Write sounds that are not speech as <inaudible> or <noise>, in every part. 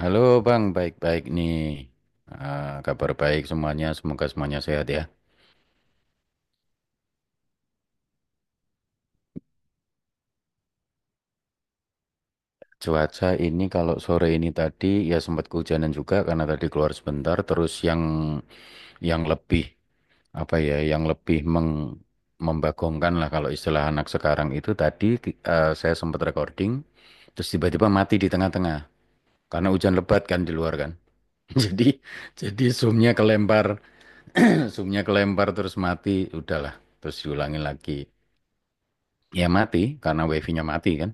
Halo Bang, baik-baik nih. Kabar baik semuanya, semoga semuanya sehat ya. Cuaca ini kalau sore ini tadi ya sempat kehujanan juga karena tadi keluar sebentar. Terus yang lebih apa ya, yang lebih membagongkan lah kalau istilah anak sekarang itu tadi saya sempat recording, terus tiba-tiba mati di tengah-tengah karena hujan lebat kan di luar kan. <laughs> Jadi jadi zoomnya kelempar, <clears throat> zoomnya kelempar terus mati, udahlah terus diulangin lagi. Ya mati karena wifi-nya mati kan?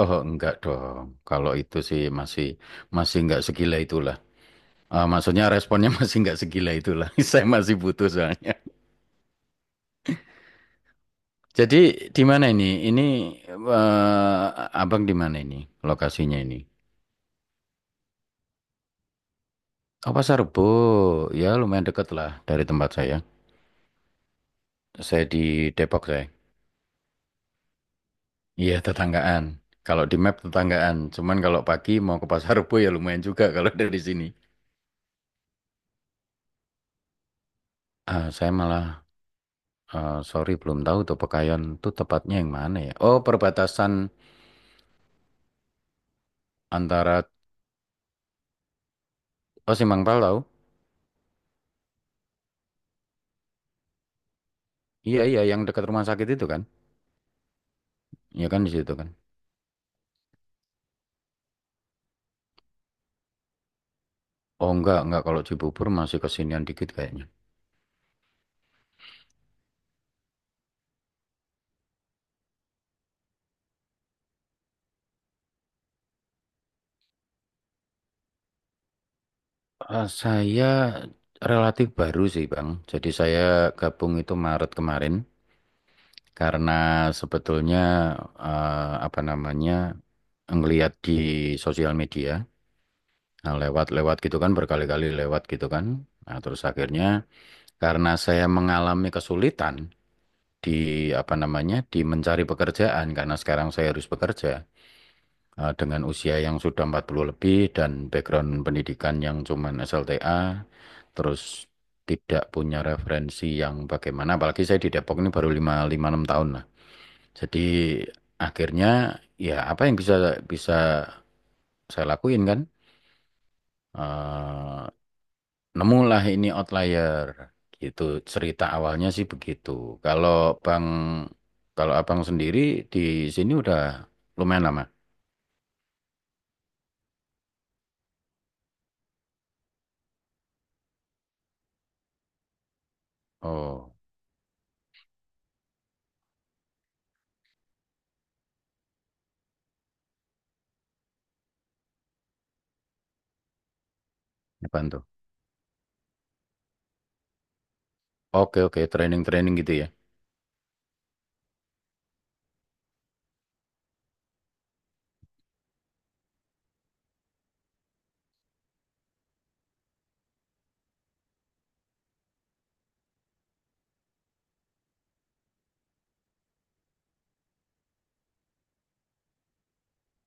Oh enggak dong. Kalau itu sih masih masih enggak segila itulah. Maksudnya responnya <laughs> masih enggak segila itulah. <laughs> Saya masih butuh soalnya. Jadi di mana ini? Abang di mana ini? Lokasinya ini? Oh Pasar Rebo. Ya lumayan deket lah dari tempat saya. Saya di Depok saya. Iya tetanggaan. Kalau di map tetanggaan. Cuman kalau pagi mau ke Pasar Rebo ya lumayan juga kalau <laughs> dari sini. Ah, saya malah sorry belum tahu tuh Pekayon tuh tepatnya yang mana ya? Oh perbatasan antara Oh Simangpal tahu? Iya iya yang dekat rumah sakit itu kan? Iya kan di situ kan? Oh enggak kalau Cibubur masih kesinian dikit kayaknya. Saya relatif baru sih Bang. Jadi saya gabung itu Maret kemarin karena sebetulnya apa namanya ngelihat di sosial media. Nah, lewat-lewat gitu kan berkali-kali lewat gitu kan. Nah, terus akhirnya karena saya mengalami kesulitan di apa namanya di mencari pekerjaan karena sekarang saya harus bekerja dengan usia yang sudah 40 lebih dan background pendidikan yang cuman SLTA, terus tidak punya referensi yang bagaimana apalagi saya di Depok ini baru 5 lima 6 tahun lah. Jadi akhirnya ya apa yang bisa bisa saya lakuin kan? Eh, Nemulah ini outlier, gitu, cerita awalnya sih begitu. Kalau Bang kalau Abang sendiri di sini udah lumayan lama. Oh, apaan tuh? Oke oke training-training gitu ya.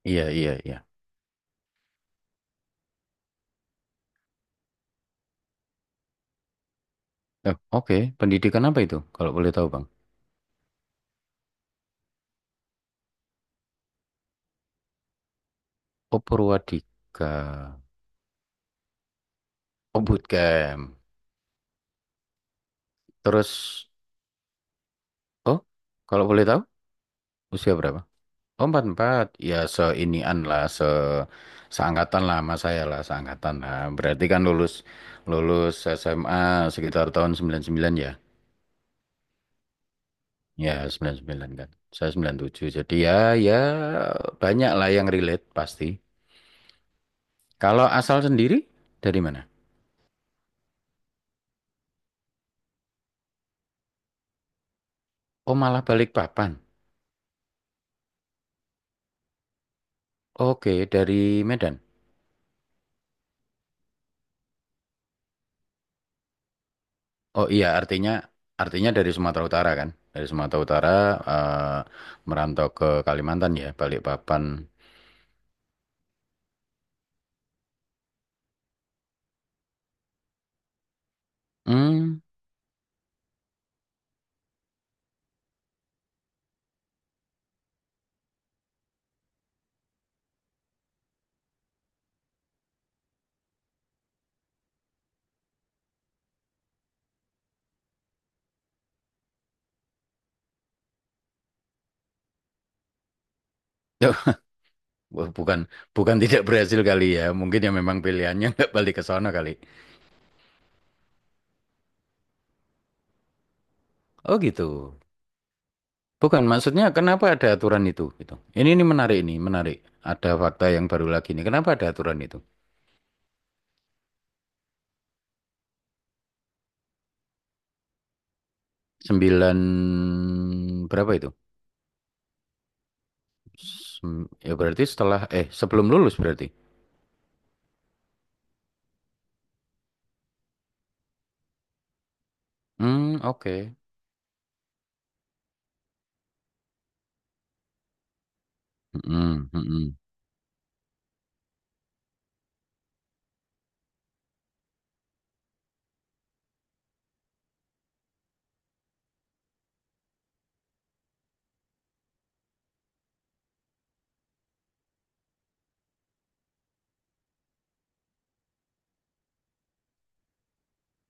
Iya iya iya. Oke, pendidikan apa itu kalau boleh tahu Bang? Oh, Purwadika. Oh, bootcamp. Terus oh, kalau boleh tahu usia berapa? Oh, empat empat, ya seinian lah, se seangkatan lah sama saya lah, seangkatan lah. Berarti kan lulus lulus SMA sekitar tahun sembilan sembilan ya, ya sembilan sembilan kan. Saya sembilan tujuh jadi ya ya banyak lah yang relate pasti. Kalau asal sendiri dari mana? Oh, malah balik papan. Oke, dari Medan. Oh iya, artinya artinya dari Sumatera Utara kan? Dari Sumatera Utara eh, merantau ke Kalimantan ya, balik papan. Hmm. Wah, Bukan bukan <laughs> tidak berhasil kali ya. Mungkin ya memang pilihannya <laughs> nggak balik ke sana kali. Oh gitu. Bukan maksudnya kenapa ada aturan itu gitu. Ini menarik ini, menarik. Ada fakta yang baru lagi nih. Kenapa ada aturan itu? Sembilan berapa itu? Sem- ya berarti setelah eh sebelum lulus berarti. Hmm, oke. Mm-mm, mm-mm.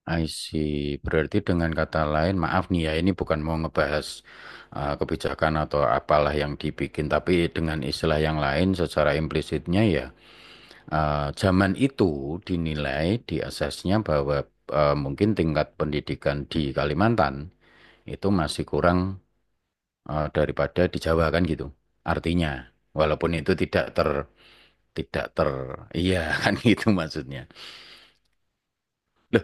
I see. Berarti dengan kata lain, maaf nih ya, ini bukan mau ngebahas kebijakan atau apalah yang dibikin, tapi dengan istilah yang lain secara implisitnya ya, zaman itu dinilai di asesnya bahwa mungkin tingkat pendidikan di Kalimantan itu masih kurang, daripada di Jawa kan gitu. Artinya, walaupun itu tidak ter tidak ter iya <laughs> kan gitu maksudnya. Loh,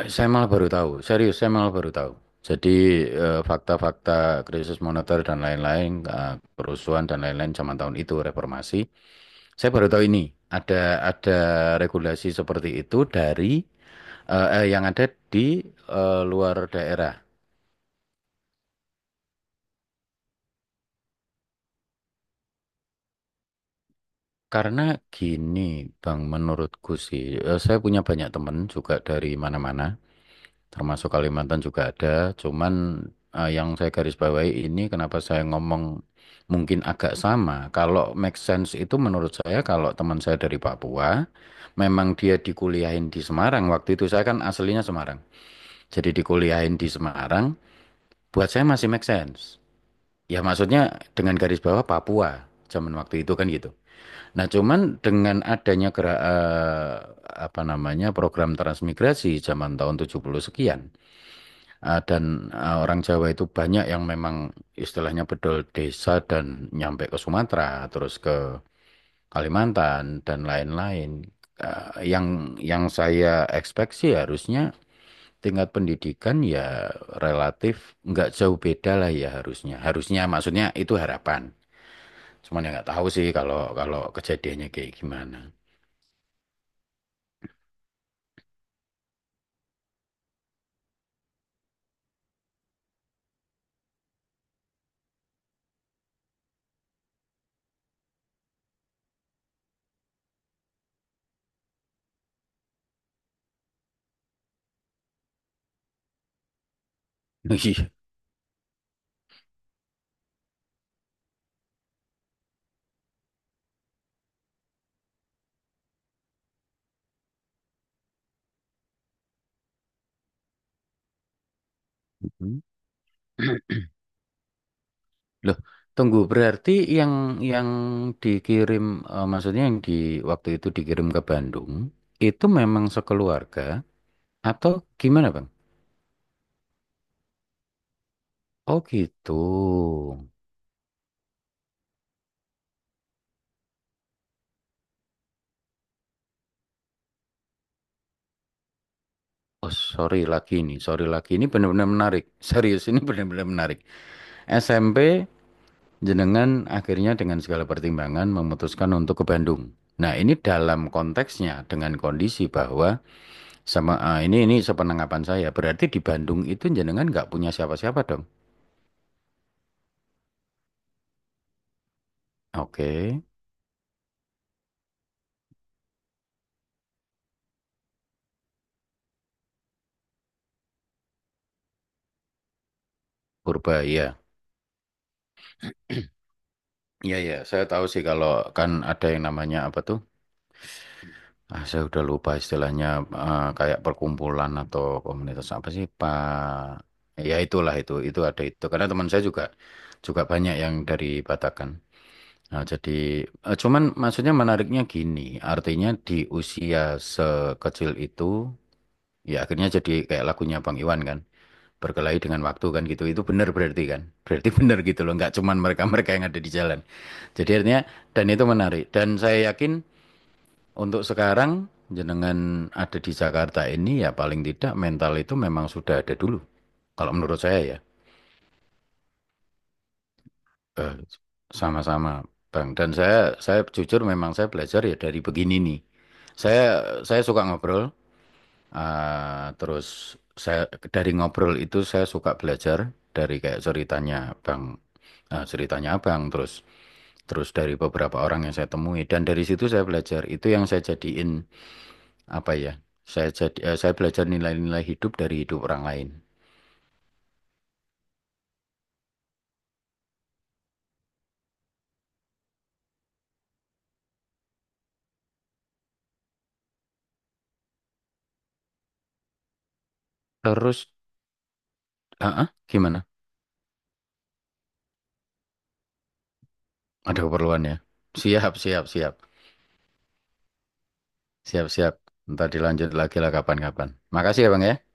Saya malah baru tahu, serius saya malah baru tahu. Jadi fakta-fakta krisis moneter dan lain-lain, kerusuhan dan lain-lain zaman tahun itu reformasi. Saya baru tahu ini ada ada regulasi seperti itu dari yang ada di luar daerah. Karena gini, Bang, menurutku sih, saya punya banyak teman juga dari mana-mana, termasuk Kalimantan juga ada. Cuman yang saya garis bawahi ini kenapa saya ngomong mungkin agak sama. Kalau make sense itu menurut saya kalau teman saya dari Papua, memang dia dikuliahin di Semarang. Waktu itu saya kan aslinya Semarang. Jadi dikuliahin di Semarang, buat saya masih make sense. Ya maksudnya dengan garis bawah Papua zaman waktu itu kan gitu. Nah cuman dengan adanya apa namanya program transmigrasi zaman tahun 70 sekian. Ah, dan orang Jawa itu banyak yang memang istilahnya bedol desa dan nyampe ke Sumatera, terus ke Kalimantan dan lain-lain. Ah, yang yang saya expect sih harusnya tingkat pendidikan ya relatif nggak jauh beda lah ya harusnya. Harusnya maksudnya itu harapan. Cuman ya nggak tahu sih kalau kalau kejadiannya kayak gimana. <laughs> Iya. <clears throat> Loh, tunggu berarti yang dikirim eh, maksudnya yang di waktu itu dikirim ke Bandung itu memang sekeluarga atau gimana, Bang? Oh, gitu. Oh, sorry lagi ini benar-benar menarik. <laughs> Serius ini benar-benar menarik. SMP jenengan akhirnya dengan segala pertimbangan memutuskan untuk ke Bandung. Nah, ini dalam konteksnya dengan kondisi bahwa sama ah, ini sepenangkapan saya berarti di Bandung itu jenengan nggak punya siapa-siapa dong. Oke, purba ya. Iya ya, saya tahu sih kalau kan ada yang namanya apa tuh? Saya udah lupa istilahnya kayak perkumpulan atau komunitas apa sih, Pak? Ya itulah itu ada itu. Karena teman saya juga juga banyak yang dari Batakkan. Nah, jadi cuman maksudnya menariknya gini, artinya di usia sekecil itu ya akhirnya jadi kayak lagunya Bang Iwan kan. Berkelahi dengan waktu kan gitu. Itu benar berarti kan. Berarti <laughs> benar gitu loh, nggak cuman mereka-mereka yang ada di jalan. Jadi artinya dan itu menarik dan saya yakin untuk sekarang jenengan ada di Jakarta ini ya paling tidak mental itu memang sudah ada dulu. Kalau menurut saya ya Eh, sama-sama Bang dan saya jujur memang saya belajar ya dari begini nih. Saya saya suka ngobrol terus saya dari ngobrol itu saya suka belajar dari kayak ceritanya Bang ceritanya Abang terus terus dari beberapa orang yang saya temui dan dari situ saya belajar itu yang saya jadiin apa ya? Saya jadi saya belajar nilai-nilai hidup dari hidup orang lain. Terus, gimana? Ada keperluan ya? Siap, siap, siap. Siap, siap. Ntar dilanjut lagi lah kapan-kapan. Makasih ya, Bang ya.